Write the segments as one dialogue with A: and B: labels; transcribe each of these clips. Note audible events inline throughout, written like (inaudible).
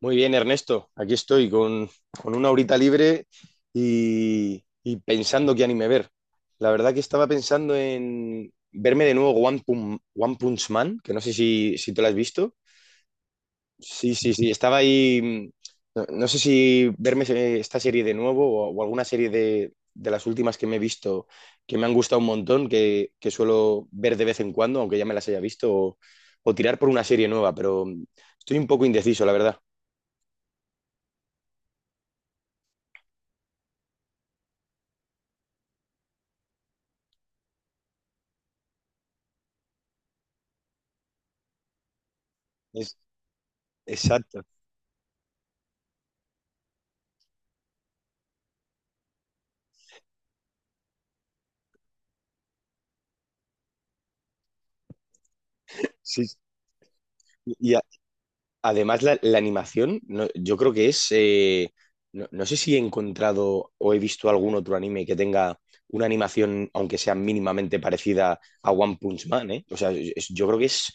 A: Muy bien, Ernesto. Aquí estoy con, una horita libre y pensando qué anime ver. La verdad que estaba pensando en verme de nuevo One Punch Man, que no sé si, tú lo has visto. Sí, sí, sí, estaba ahí. No, no sé si verme esta serie de nuevo o, alguna serie de las últimas que me he visto que me han gustado un montón, que, suelo ver de vez en cuando, aunque ya me las haya visto, o tirar por una serie nueva, pero estoy un poco indeciso, la verdad. Es, exacto. Sí, sí. y a- Además la animación, yo creo que es, no, no sé si he encontrado o he visto algún otro anime que tenga una animación, aunque sea mínimamente parecida a One Punch Man, ¿eh? O sea, yo creo que es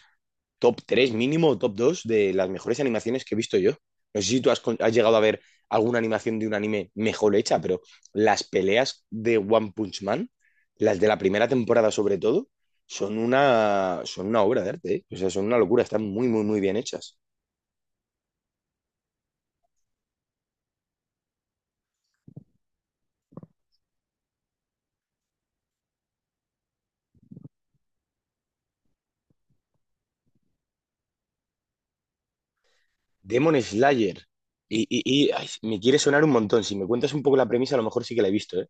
A: top 3 mínimo, o top 2 de las mejores animaciones que he visto yo. No sé si tú has, has llegado a ver alguna animación de un anime mejor hecha, pero las peleas de One Punch Man, las de la primera temporada sobre todo, son una obra de arte, ¿eh? O sea, son una locura, están muy, muy, muy bien hechas. Demon Slayer, y ay, me quiere sonar un montón, si me cuentas un poco la premisa, a lo mejor sí que la he visto, ¿eh?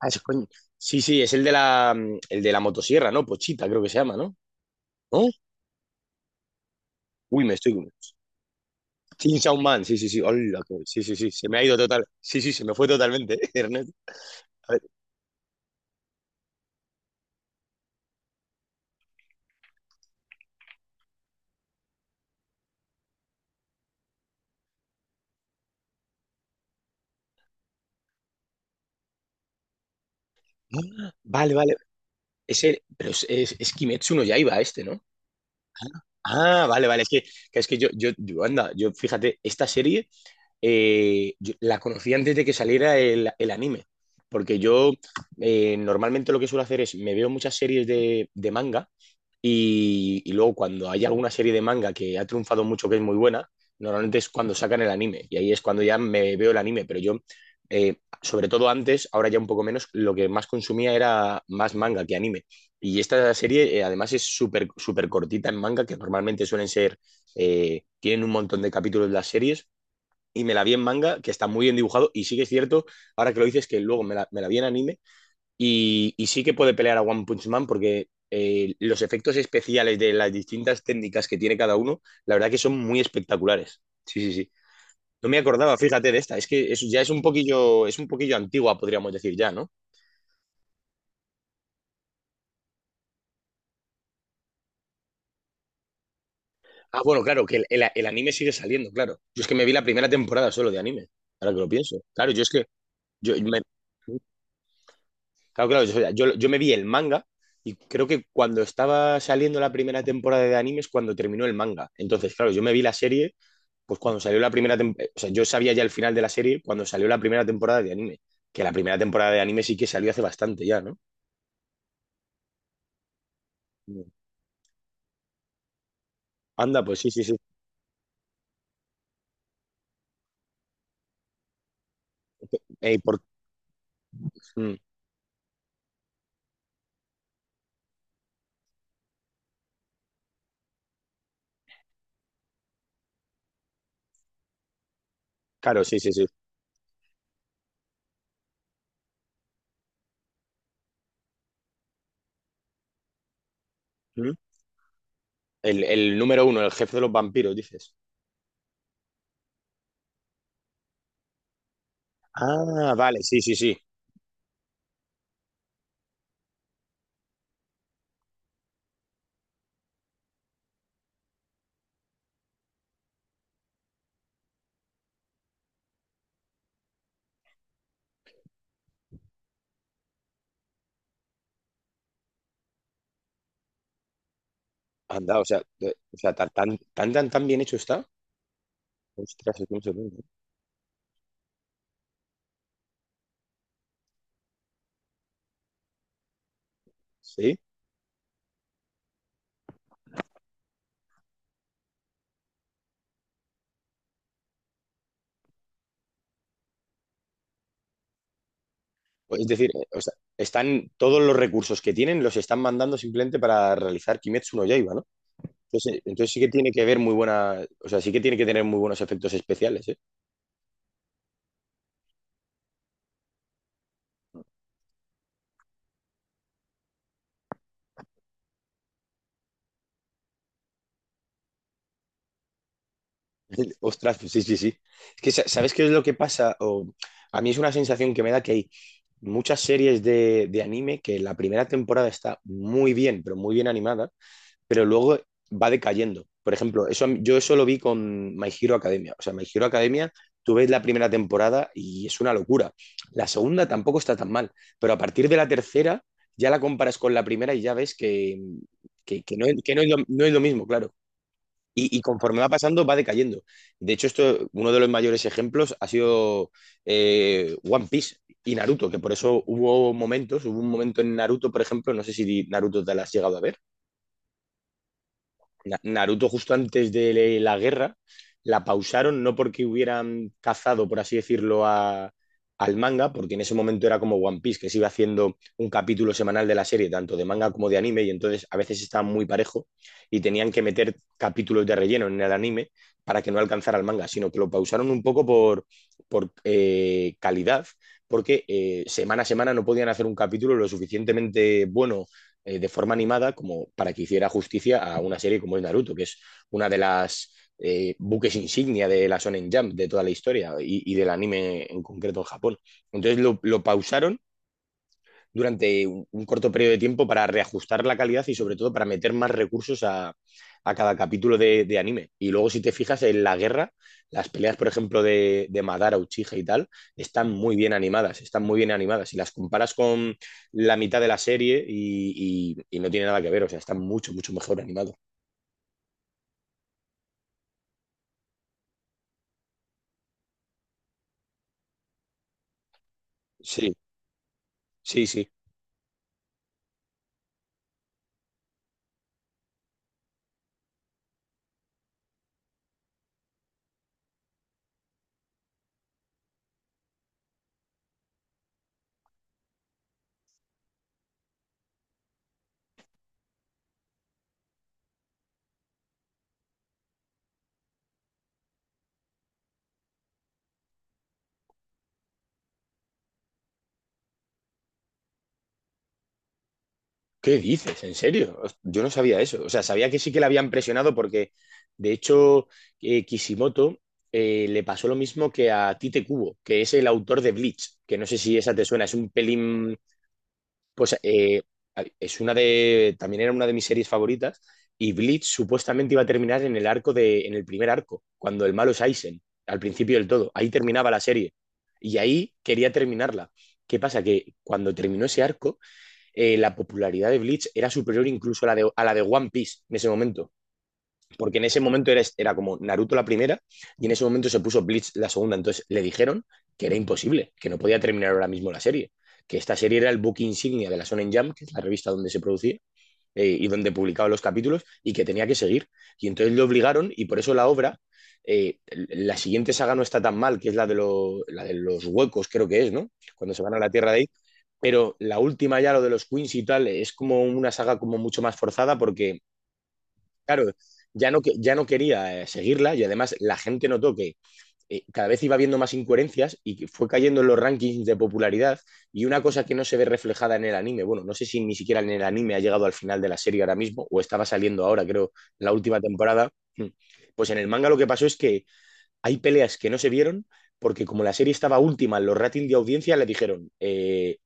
A: Ah, es coño. Sí, sí, es el de la motosierra, ¿no? Pochita, creo que se llama, ¿no? ¿No? Uy, me estoy... Team Soundman, sí, sí, sí. Hola, que- sí, sí, sí. Se me ha ido total. Sí, sí, se me fue totalmente, (laughs) Ernesto. A ver. Vale, vale. Es el- pero es Kimetsu no Yaiba este, ¿no? Ah, vale, vale. Es que, es que anda, yo, fíjate, esta serie yo la conocí antes de que saliera el, anime. Porque yo normalmente lo que suelo hacer es me veo muchas series de, manga. Y luego cuando hay alguna serie de manga que ha triunfado mucho, que es muy buena, normalmente es cuando sacan el anime. Y ahí es cuando ya me veo el anime. Pero yo, sobre todo antes, ahora ya un poco menos, lo que más consumía era más manga que anime. Y esta serie además es súper súper cortita en manga, que normalmente suelen ser, tienen un montón de capítulos las series. Y me la vi en manga, que está muy bien dibujado. Y sí que es cierto, ahora que lo dices, que luego me la, vi en anime y sí que puede pelear a One Punch Man porque los efectos especiales de las distintas técnicas que tiene cada uno, la verdad que son muy espectaculares. Sí, sí, sí. No me acordaba, fíjate, de esta. Es que eso ya es un poquillo antigua, podríamos decir ya, ¿no? Ah, bueno, claro, que el anime sigue saliendo, claro. Yo es que me vi la primera temporada solo de anime, ahora que lo pienso. Claro, yo es que yo me, claro, claro, yo, yo me vi el manga y creo que cuando estaba saliendo la primera temporada de anime es cuando terminó el manga. Entonces, claro, yo me vi la serie pues cuando salió la primera temporada, o sea, yo sabía ya el final de la serie cuando salió la primera temporada de anime, que la primera temporada de anime sí que salió hace bastante ya, ¿no? Mm. Anda, pues sí, sí, sí. Ey, por... mm, Claro, sí, sí, sí. Mm. El número uno, el jefe de los vampiros, dices. Ah, vale, sí, sí, sí. Anda, o sea, de- o sea, tan, tan, tan, tan tan bien hecho está. Ostras, es que me sorprende. Sí. Pues es decir, o sea, están todos los recursos que tienen, los están mandando simplemente para realizar Kimetsu no Yaiba, ¿no? entonces, sí que tiene que ver muy buena, o sea, sí que tiene que tener muy buenos efectos especiales, ¿eh? (laughs) Ostras, sí, sí, sí. Es que, sa- ¿sabes qué es lo que pasa? O, a mí es una sensación que me da que hay muchas series de anime que la primera temporada está muy bien, pero muy bien animada, pero luego va decayendo. Por ejemplo, eso, yo eso lo vi con My Hero Academia. O sea, My Hero Academia, tú ves la primera temporada y es una locura. La segunda tampoco está tan mal, pero a partir de la tercera ya la comparas con la primera y ya ves que, no, que no es lo, mismo, claro. y conforme va pasando, va decayendo. De hecho, esto, uno de los mayores ejemplos ha sido One Piece y Naruto, que por eso hubo momentos, hubo un momento en Naruto, por ejemplo, no sé si Naruto te la has llegado a ver. Naruto justo antes de la guerra la pausaron no porque hubieran cazado, por así decirlo, al manga, porque en ese momento era como One Piece, que se iba haciendo un capítulo semanal de la serie, tanto de manga como de anime, y entonces a veces estaba muy parejo y tenían que meter capítulos de relleno en el anime para que no alcanzara el manga, sino que lo pausaron un poco por, calidad, porque semana a semana no podían hacer un capítulo lo suficientemente bueno de forma animada como para que hiciera justicia a una serie como es Naruto, que es una de las buques insignia de la Shonen Jump de toda la historia y, del anime en concreto en Japón. Entonces lo pausaron durante un, corto periodo de tiempo para reajustar la calidad y sobre todo para meter más recursos a, cada capítulo de anime. Y luego si te fijas en la guerra, las peleas, por ejemplo, de Madara, Uchiha y tal, están muy bien animadas, están muy bien animadas. Si las comparas con la mitad de la serie y no tiene nada que ver, o sea, están mucho, mucho mejor animados. Sí, sí, sí. ¿Qué dices? ¿En serio? Yo no sabía eso. O sea, sabía que sí que le habían presionado porque, de hecho, Kishimoto le pasó lo mismo que a Tite Kubo, que es el autor de Bleach, que no sé si esa te suena, es un pelín, pues es una también era una de mis series favoritas, y Bleach supuestamente iba a terminar en el arco de, en el primer arco, cuando el malo es Aizen, al principio del todo, ahí terminaba la serie, y ahí quería terminarla. ¿Qué pasa? Que cuando terminó ese arco, la popularidad de Bleach era superior incluso a la de One Piece en ese momento, porque en ese momento era como Naruto la primera y en ese momento se puso Bleach la segunda, entonces le dijeron que era imposible, que no podía terminar ahora mismo la serie, que esta serie era el book insignia de la Shonen Jump, que es la revista donde se producía, y donde publicaba los capítulos y que tenía que seguir. Y entonces le obligaron y por eso la obra, la siguiente saga no está tan mal, que es la de los huecos, creo que es, ¿no? Cuando se van a la Tierra de ahí. Pero la última ya, lo de los Queens y tal, es como una saga como mucho más forzada porque, claro, ya no, ya no quería seguirla y además la gente notó que cada vez iba viendo más incoherencias y fue cayendo en los rankings de popularidad y una cosa que no se ve reflejada en el anime, bueno, no sé si ni siquiera en el anime ha llegado al final de la serie ahora mismo o estaba saliendo ahora, creo, en la última temporada, hmm, pues en el manga lo que pasó es que hay peleas que no se vieron porque como la serie estaba última en los ratings de audiencia, le dijeron,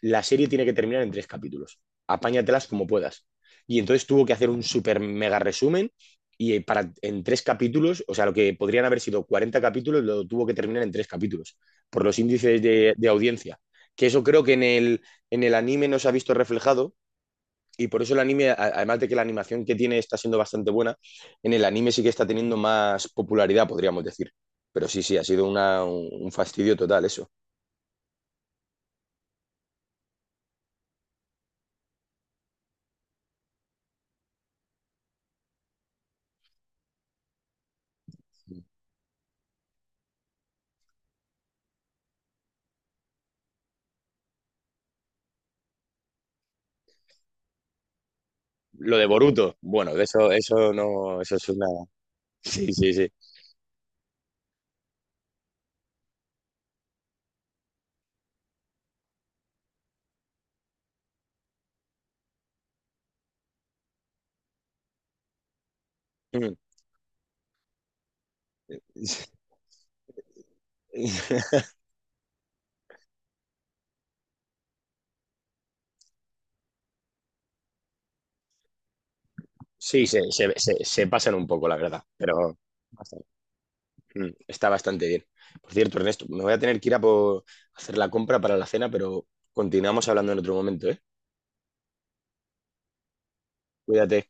A: la serie tiene que terminar en tres capítulos. Apáñatelas como puedas. Y entonces tuvo que hacer un super mega resumen y para, en tres capítulos, o sea, lo que podrían haber sido 40 capítulos, lo tuvo que terminar en tres capítulos, por los índices de, audiencia. Que eso creo que en el anime no se ha visto reflejado, y por eso el anime, además de que la animación que tiene está siendo bastante buena, en el anime sí que está teniendo más popularidad, podríamos decir. Pero sí, sí, ha sido un fastidio total eso. Lo de Boruto, bueno, de eso, eso no, eso es una. Sí, sí, sí. Mm. (laughs) Sí, se pasan un poco, la verdad, pero bastante. Mm, está bastante bien. Por cierto, Ernesto, me voy a tener que ir a por hacer la compra para la cena, pero continuamos hablando en otro momento, ¿eh? Cuídate.